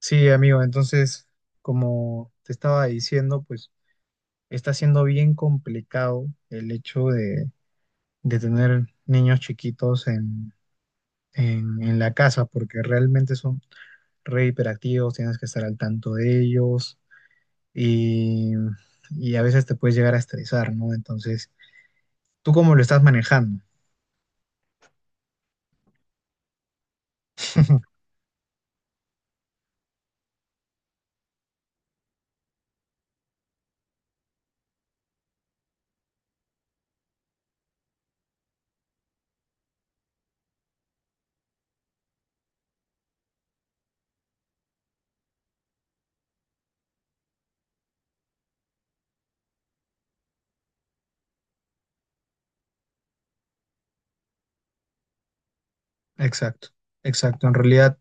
Sí, amigo, entonces, como te estaba diciendo, pues está siendo bien complicado el hecho de tener niños chiquitos en la casa, porque realmente son re hiperactivos, tienes que estar al tanto de ellos y, y, a veces te puedes llegar a estresar, ¿no? Entonces, ¿tú cómo lo estás manejando? Exacto, exacto. En realidad,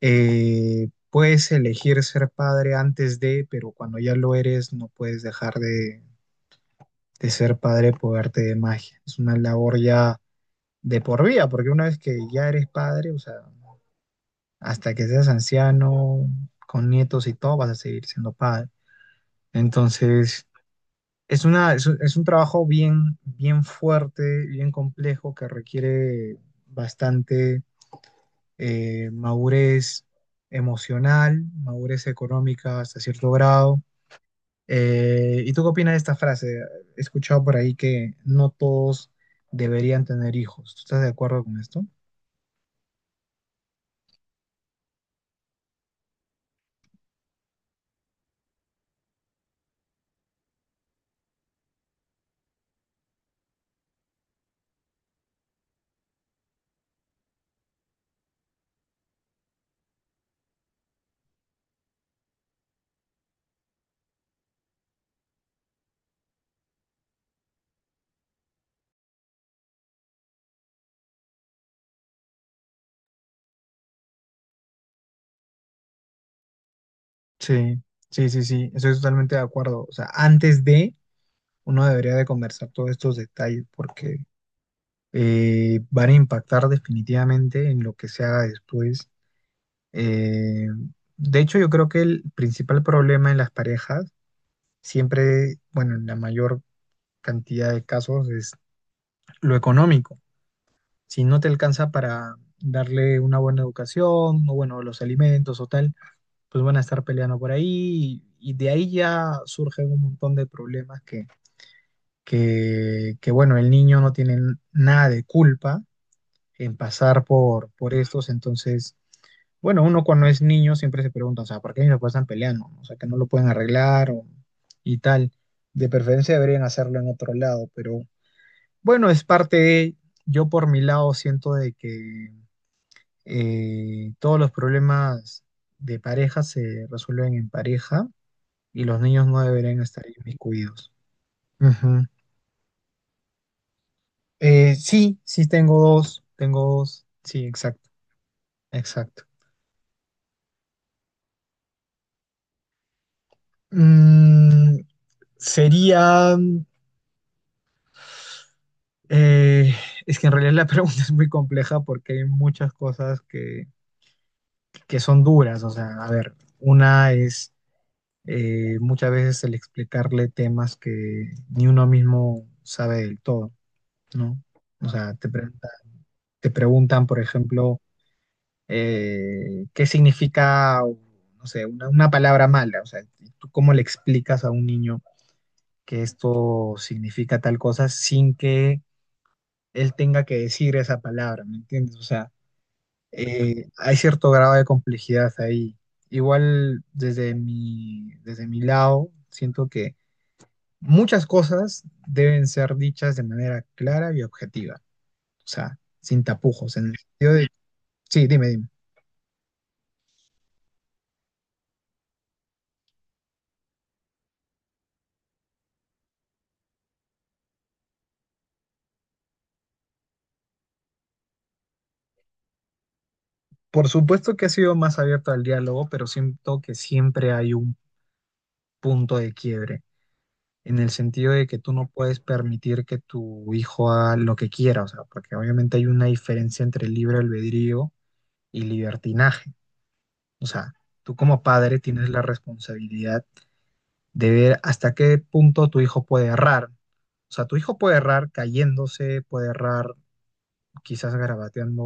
puedes elegir ser padre antes de, pero cuando ya lo eres, no puedes dejar de ser padre por arte de magia. Es una labor ya de por vida, porque una vez que ya eres padre, o sea, hasta que seas anciano, con nietos y todo, vas a seguir siendo padre. Entonces, es una, es, un trabajo bien, bien fuerte, bien complejo, que requiere bastante madurez emocional, madurez económica hasta cierto grado. ¿Y tú qué opinas de esta frase? He escuchado por ahí que no todos deberían tener hijos. ¿Tú estás de acuerdo con esto? Sí, sí, sí, sí, estoy totalmente de acuerdo. O sea, antes de, uno debería de conversar todos estos detalles porque van a impactar definitivamente en lo que se haga después. Eh, de hecho, yo creo que el principal problema en las parejas, siempre, bueno, en la mayor cantidad de casos, es lo económico. Si no te alcanza para darle una buena educación, o bueno, los alimentos o tal, pues van a estar peleando por ahí y de ahí ya surgen un montón de problemas que, bueno, el niño no tiene nada de culpa en pasar por estos, entonces, bueno, uno cuando es niño siempre se pregunta, o sea, ¿por qué mis papás están peleando? O sea, ¿que no lo pueden arreglar o- y tal? De preferencia deberían hacerlo en otro lado, pero bueno, es parte de, yo por mi lado siento de que todos los problemas de pareja se resuelven en pareja y los niños no deberían estar inmiscuidos. Ujú. Sí, sí tengo dos, sí, exacto, exacto. Mm, sería, eh, es que en realidad la pregunta es muy compleja porque hay muchas cosas que son duras, o sea, a ver, una es muchas veces el explicarle temas que ni uno mismo sabe del todo. ¿No? O ah, sea, te pregunta- te preguntan, por ejemplo, qué significa, o, no sé, una palabra mala. O sea, ¿y ¿tú cómo le explicas a un niño que esto significa tal cosa sin que él tenga que decir esa palabra? ¿Me entiendes? O sea, hay cierto grado de complejidad ahí. Igual desde mi lado, siento que muchas cosas deben ser dichas de manera clara y objetiva. O sea, sin tapujos, en el sentido de... Sí, dime, dime. Por supuesto que ha sido más abierto al diálogo, pero siento que siempre hay un punto de quiebre, en el sentido de que tú no puedes permitir que tu hijo haga lo que quiera, o sea, porque obviamente hay una diferencia entre libre albedrío y libertinaje. O sea, tú como padre tienes la responsabilidad de ver hasta qué punto tu hijo puede errar. O sea, tu hijo puede errar cayéndose, puede errar quizás garabateando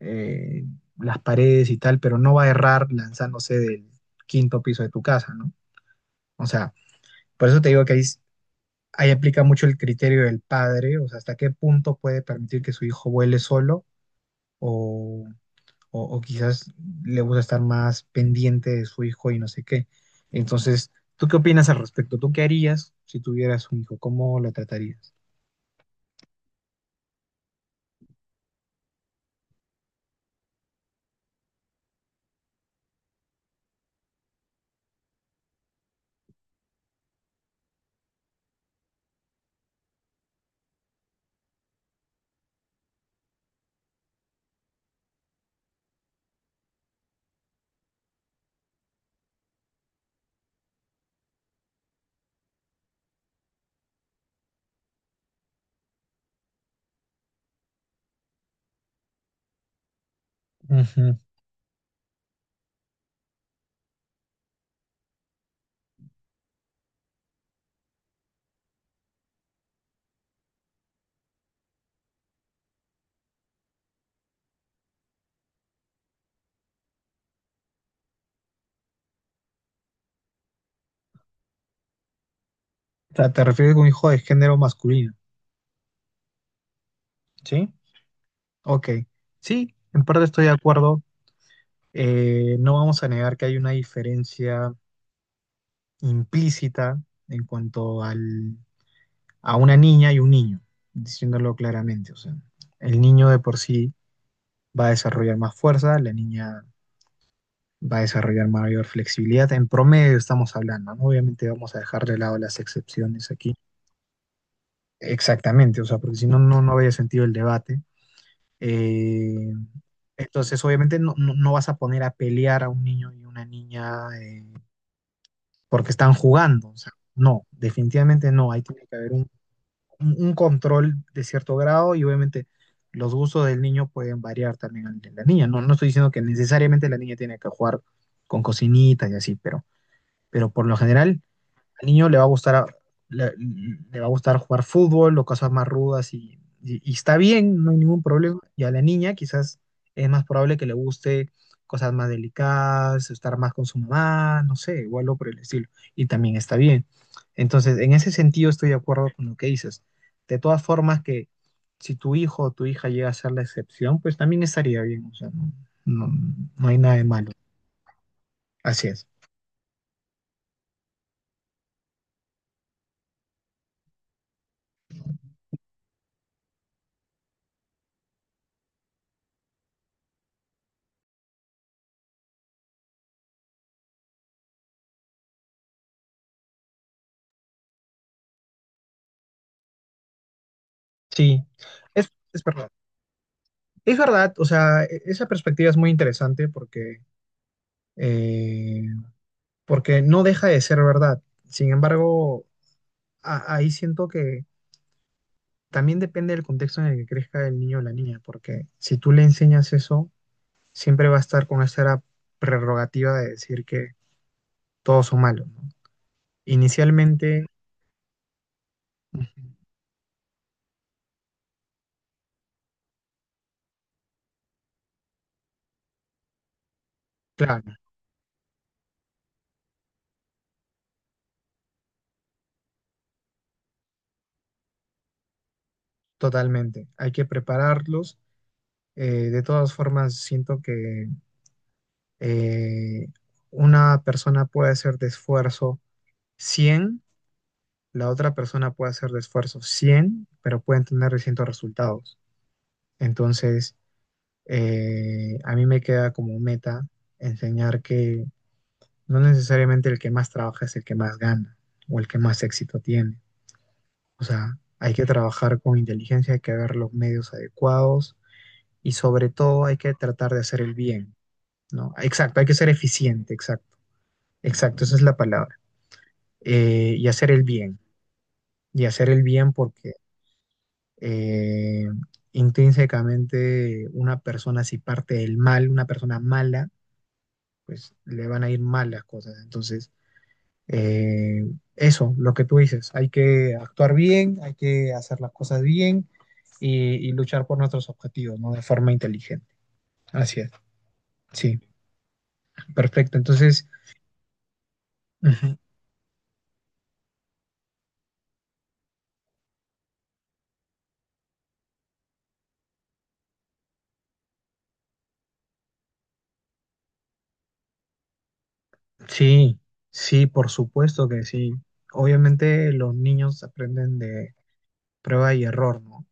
eh, las paredes y tal, pero no va a errar lanzándose del quinto piso de tu casa, ¿no? O sea, por eso te digo que ahí aplica mucho el criterio del padre, o sea, hasta qué punto puede permitir que su hijo vuele solo o, o quizás le gusta estar más pendiente de su hijo y no sé qué. Entonces, ¿tú qué opinas al respecto? ¿Tú qué harías si tuvieras un hijo? ¿Cómo lo tratarías? Ujú. O sea, te refieres a un hijo de género masculino, ¿sí? Ok, sí, en parte estoy de acuerdo. No vamos a negar que hay una diferencia implícita en cuanto al, a una niña y un niño, diciéndolo claramente. O sea, el niño de por sí va a desarrollar más fuerza, la niña va a desarrollar mayor flexibilidad. En promedio estamos hablando, ¿no? Obviamente vamos a dejar de lado las excepciones aquí. Exactamente, o sea, porque si no, no, no habría sentido el debate. Eh, entonces, obviamente, no, no vas a poner a pelear a un niño y una niña. Porque están jugando. O sea, no, definitivamente no. Ahí tiene que haber un, un control de cierto grado y obviamente los gustos del niño pueden variar también al de la niña. No, no estoy diciendo que necesariamente la niña tiene que jugar con cocinitas y así, pero por lo general al niño le va a gustar, le, le va a gustar jugar fútbol o cosas más rudas y, y está bien, no hay ningún problema. Y a la niña quizás es más probable que le guste cosas más delicadas, estar más con su mamá, no sé, igual o algo por el estilo. Y también está bien. Entonces, en ese sentido estoy de acuerdo con lo que dices. De todas formas, que si tu hijo o tu hija llega a ser la excepción, pues también estaría bien. O sea, no, no- no hay nada de malo. Así es. Sí, es verdad. Es verdad, o sea, e- esa perspectiva es muy interesante porque, eh, porque no deja de ser verdad. Sin embargo, a- ahí siento que también depende del contexto en el que crezca el niño o la niña, porque si tú le enseñas eso, siempre va a estar con esa prerrogativa de decir que todos son malos, ¿no? Inicialmente, ujú. Claro, totalmente. Hay que prepararlos. De todas formas, siento que eh, una persona puede hacer de esfuerzo cien. La otra persona puede hacer de esfuerzo 100, pero pueden tener distintos resultados. Entonces, a mí me queda como meta enseñar que no necesariamente el que más trabaja es el que más gana o el que más éxito tiene. O sea, hay que trabajar con inteligencia, hay que ver los medios adecuados y sobre todo hay que tratar de hacer el bien, ¿no? Exacto, hay que ser eficiente, exacto. Exacto, esa es la palabra. Y hacer el bien. Y hacer el bien porque eh, intrínsecamente una persona si parte del mal, una persona mala, pues le van a ir mal las cosas. Entonces, eh, eso, lo que tú dices, hay que actuar bien, hay que hacer las cosas bien y luchar por nuestros objetivos, ¿no? De forma inteligente. Así es, sí, perfecto. Entonces, ujú, sí, sí, por supuesto que sí. Obviamente los niños aprenden de prueba y error, ¿no?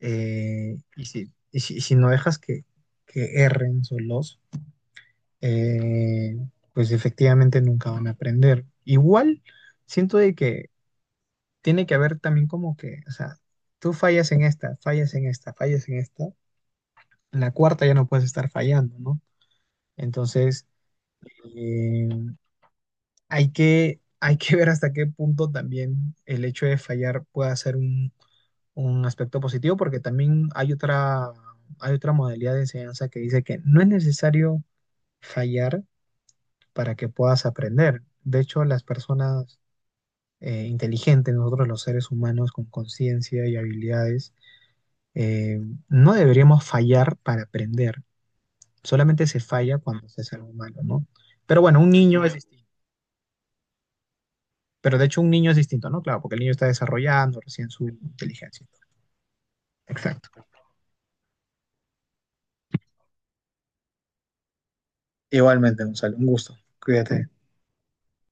Y si no dejas que erren solos, eh, pues efectivamente nunca van a aprender. Igual siento de que tiene que haber también como que, o sea, tú fallas en esta, fallas en esta, fallas en esta, en la cuarta ya no puedes estar fallando, ¿no? Entonces, eh, hay que ver hasta qué punto también el hecho de fallar puede ser un aspecto positivo porque también hay otra modalidad de enseñanza que dice que no es necesario fallar para que puedas aprender. De hecho, las personas inteligentes, nosotros los seres humanos con conciencia y habilidades, eh, no deberíamos fallar para aprender. Solamente se falla cuando se es algo malo, ¿no? Pero bueno, un niño es distinto. Pero de hecho un niño es distinto, ¿no? Claro, porque el niño está desarrollando recién su inteligencia. Exacto. Igualmente, Gonzalo, un gusto. Cuídate.